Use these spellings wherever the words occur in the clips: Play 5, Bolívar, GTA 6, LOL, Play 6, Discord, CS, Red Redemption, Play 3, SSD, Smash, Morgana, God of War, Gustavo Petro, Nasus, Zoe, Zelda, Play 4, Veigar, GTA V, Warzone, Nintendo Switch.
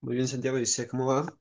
Muy bien, Santiago, ¿y usted cómo va?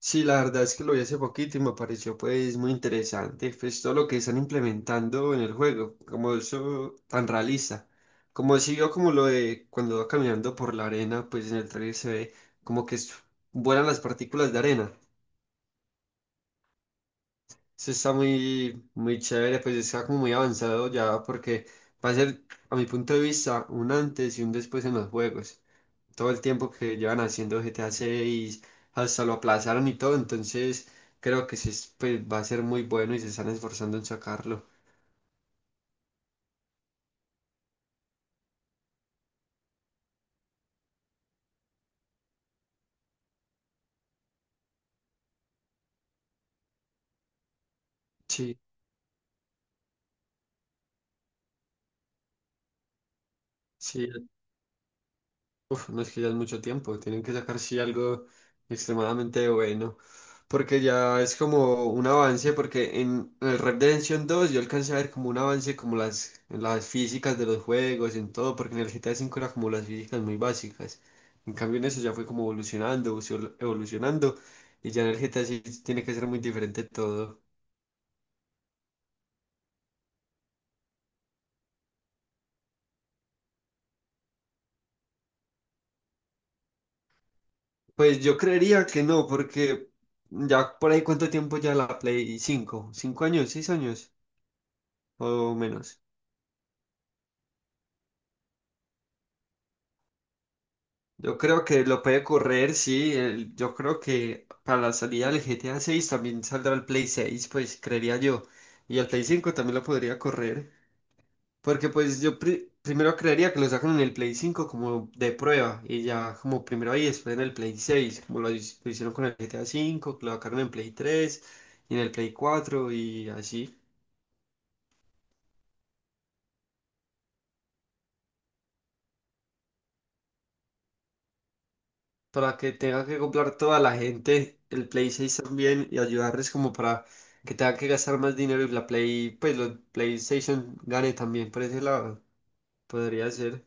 Sí, la verdad es que lo vi hace poquito y me pareció pues muy interesante, pues todo lo que están implementando en el juego, como eso tan realista, como si vio como lo de cuando va caminando por la arena, pues en el trailer se ve como que vuelan las partículas de arena. Eso está muy, muy chévere, pues está como muy avanzado ya porque va a ser, a mi punto de vista, un antes y un después en los juegos. Todo el tiempo que llevan haciendo GTA 6, hasta lo aplazaron y todo, entonces creo que sí es, pues, va a ser muy bueno y se están esforzando en sacarlo. Sí, sí. Uf, no es que ya es mucho tiempo, tienen que sacar sí algo extremadamente bueno, porque ya es como un avance, porque en el Red Redemption 2 yo alcancé a ver como un avance como en las físicas de los juegos, en todo, porque en el GTA V era como las físicas muy básicas, en cambio en eso ya fue como evolucionando, evolucionando, y ya en el GTA sí tiene que ser muy diferente todo. Pues yo creería que no, porque ya por ahí cuánto tiempo ya la Play 5 5 años, 6 años o menos. Yo creo que lo puede correr, sí. Yo creo que para la salida del GTA 6 también saldrá el Play 6, pues creería yo. Y el Play 5 también lo podría correr. Porque pues yo primero creería que lo sacan en el Play 5 como de prueba. Y ya como primero ahí, después en el Play 6, como lo hicieron con el GTA 5, que lo sacaron en Play 3 y en el Play 4 y así. Para que tenga que comprar toda la gente el Play 6 también y ayudarles como para que tenga que gastar más dinero y la Play, pues los PlayStation gane también por ese lado. Podría ser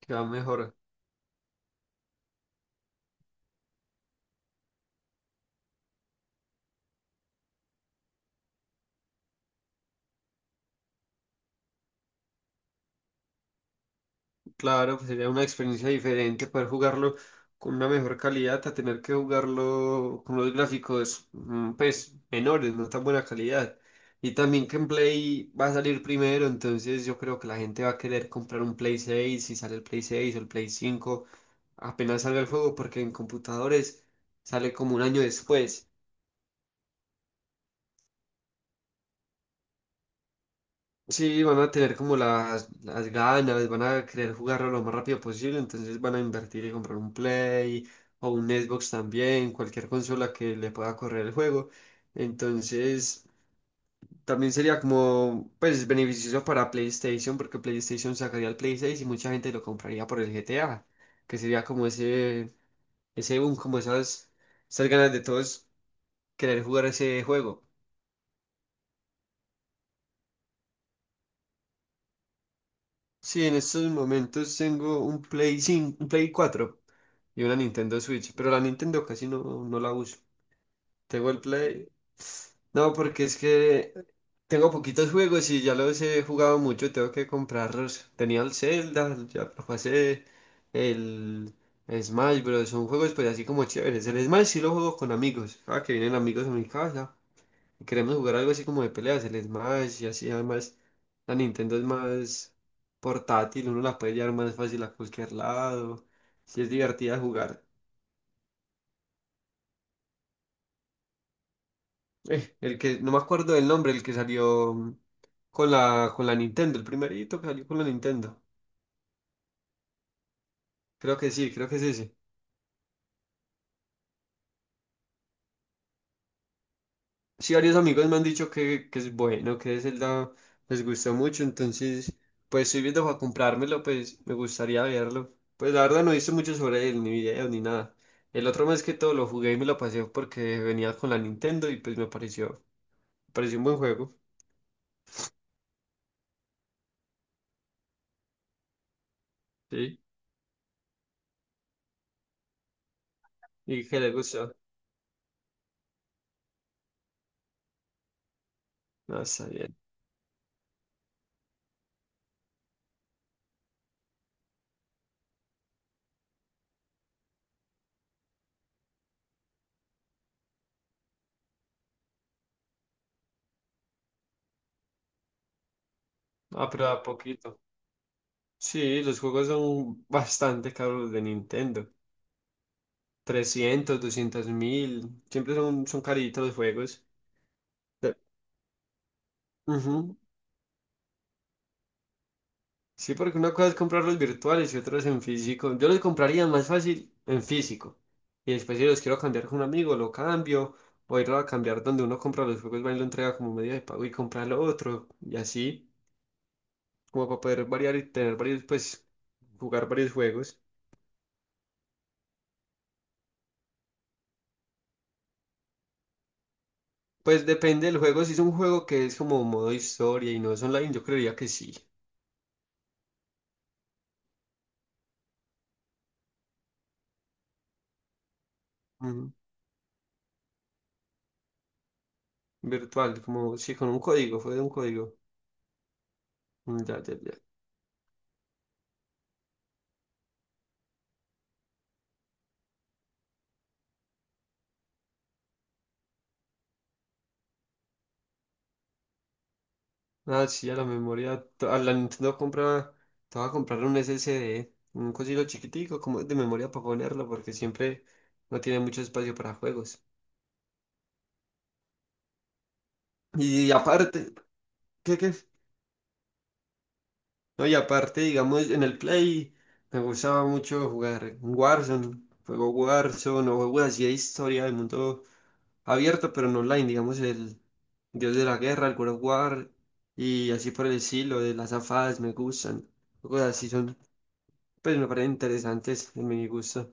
que va mejor. Claro, pues sería una experiencia diferente poder jugarlo con una mejor calidad a tener que jugarlo con los gráficos pues menores, no tan buena calidad. Y también que en Play va a salir primero, entonces yo creo que la gente va a querer comprar un Play 6 si sale el Play 6 o el Play 5 apenas salga el juego porque en computadores sale como un año después. Sí, van a tener como las ganas, van a querer jugarlo lo más rápido posible, entonces van a invertir y comprar un Play o un Xbox también, cualquier consola que le pueda correr el juego. Entonces, también sería como, pues, beneficioso para PlayStation, porque PlayStation sacaría el Play 6 y mucha gente lo compraría por el GTA, que sería como ese boom, como esas ganas de todos querer jugar ese juego. Sí, en estos momentos tengo un Play 5, un Play 4 y una Nintendo Switch, pero la Nintendo casi no, no la uso. Tengo el Play. No, porque es que tengo poquitos juegos y ya los he jugado mucho, tengo que comprarlos. Tenía el Zelda, ya lo pasé, el Smash, pero son juegos pues así como chéveres. El Smash sí lo juego con amigos. Ah, que vienen amigos a mi casa. Queremos jugar algo así como de peleas, el Smash y así. Además, la Nintendo es más portátil, uno la puede llevar más fácil a cualquier lado. Sí, es divertida jugar. El que, no me acuerdo del nombre, el que salió con la Nintendo, el primerito que salió con la Nintendo. Creo que sí, creo que es ese. Sí, varios amigos me han dicho que es bueno, que Zelda les gustó mucho, entonces, pues estoy viendo para comprármelo, pues me gustaría verlo. Pues la verdad no hice mucho sobre él, ni videos, ni nada. El otro mes que todo lo jugué y me lo pasé porque venía con la Nintendo y pues me pareció un buen juego, ¿sí? Y que le gustó. Ah, está bien. Ah, pero a poquito. Sí, los juegos son bastante caros los de Nintendo. Trescientos 200 mil, siempre son caritos los juegos. Ujú. Sí, porque una cosa es comprarlos virtuales y otros en físico. Yo los compraría más fácil en físico. Y después si los quiero cambiar con un amigo, lo cambio. O irlo a cambiar donde uno compra los juegos, va y lo entrega como medio de pago y compra lo otro. Y así, como para poder variar y tener varios, pues, jugar varios juegos. Pues depende del juego. Si es un juego que es como modo historia y no es online, yo creería que sí. Ujú. Virtual, como sí, con un código, fue de un código. Mm, ya, ya, ya. Ah, sí, a la memoria. A la Nintendo compra. Te voy a comprar un SSD, un cosito chiquitico, como de memoria para ponerlo, porque siempre no tiene mucho espacio para juegos. Y aparte, ¿qué, qué? No, y aparte, digamos, en el Play me gustaba mucho jugar Warzone, juego Warzone o juegos así de historia del mundo abierto, pero no online, digamos, el Dios de la Guerra, el God of War, y así por el estilo, de las afadas me gustan. Juegos así son. Pues me parecen interesantes en mi gusto.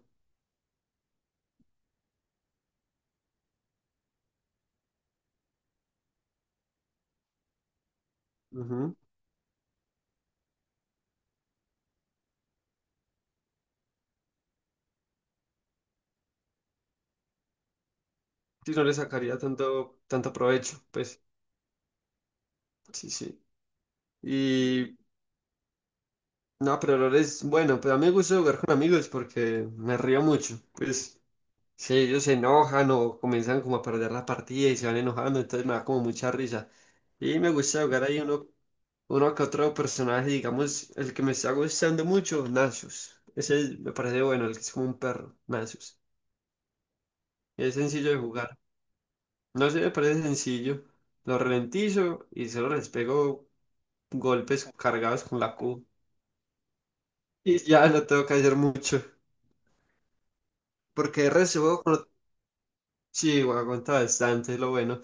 Ujú. Sí, no le sacaría tanto, tanto provecho, pues sí, sí. Y no, pero lo es bueno, pero a mí me gusta jugar con amigos porque me río mucho. Pues si ellos se enojan o comienzan como a perder la partida y se van enojando, entonces me da como mucha risa. Y me gusta jugar ahí uno que otro personaje, digamos, el que me está gustando mucho, Nasus. Ese me parece bueno, el que es como un perro, Nasus. Es sencillo de jugar. No sé, me parece sencillo. Lo ralentizo y solo les pego golpes cargados con la Q. Y ya no tengo que hacer mucho. Porque el resto juego con... Sí, aguanta bastante, es lo bueno.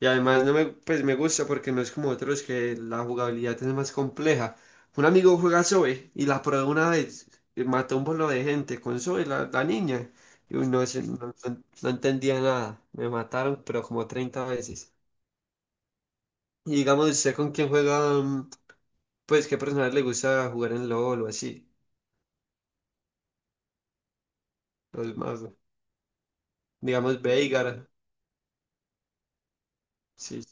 Y además no me, pues me gusta porque no es como otros que la jugabilidad es más compleja. Un amigo juega Zoe y la probó una vez. Y mató un bolo de gente con Zoe, la niña. Y uy, no, sé no, no entendía nada. Me mataron, pero como 30 veces. Y digamos, ¿usted con quién juega? Pues, ¿qué personas le gusta jugar en LOL o así? Los más, digamos, Veigar, sí,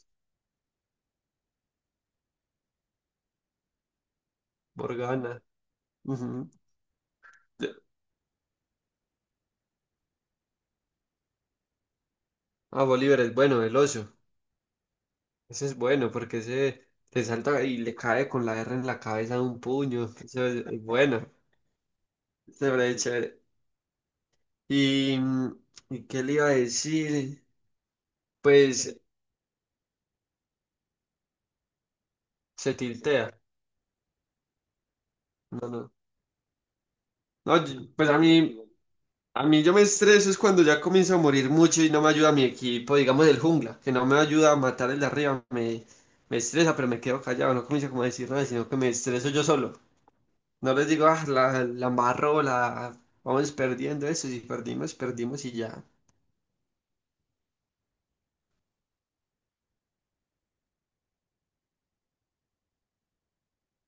Morgana. Ujú. Ah, Bolívar es bueno, el oso. Ese es bueno porque ese le salta y le cae con la R en la cabeza de un puño. Eso es bueno. Ese brother es chévere. Y, ¿y qué le iba a decir? Pues se tiltea. No, no. No, pues a mí. A mí yo me estreso es cuando ya comienza a morir mucho y no me ayuda mi equipo, digamos el jungla, que no me ayuda a matar el de arriba, me estresa, pero me quedo callado, no comienzo como a decir nada, sino que me estreso yo solo. No les digo, ah, la embarró, la vamos perdiendo eso, si perdimos, perdimos y ya.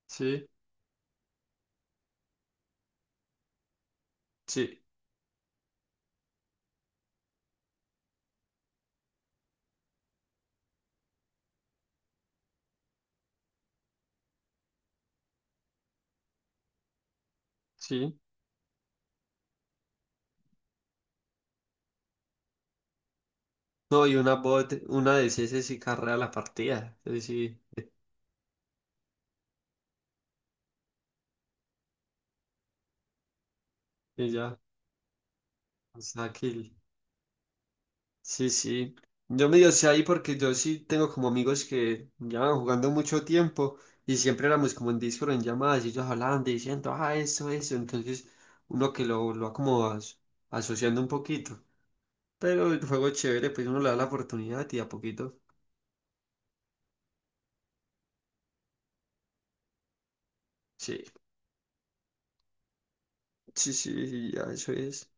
Sí, sí, sí. No, y una bot, una de CS sí carrea la partida, es decir, ella, o sea, kill. Sí, sí. Yo medio sé ahí porque yo sí tengo como amigos que llevan jugando mucho tiempo y siempre éramos como en Discord en llamadas y ellos hablando y diciendo, ah, eso, eso. Entonces uno que lo va como asociando un poquito. Pero el juego es chévere, pues uno le da la oportunidad y a poquito. Sí, sí, sí, ya eso es.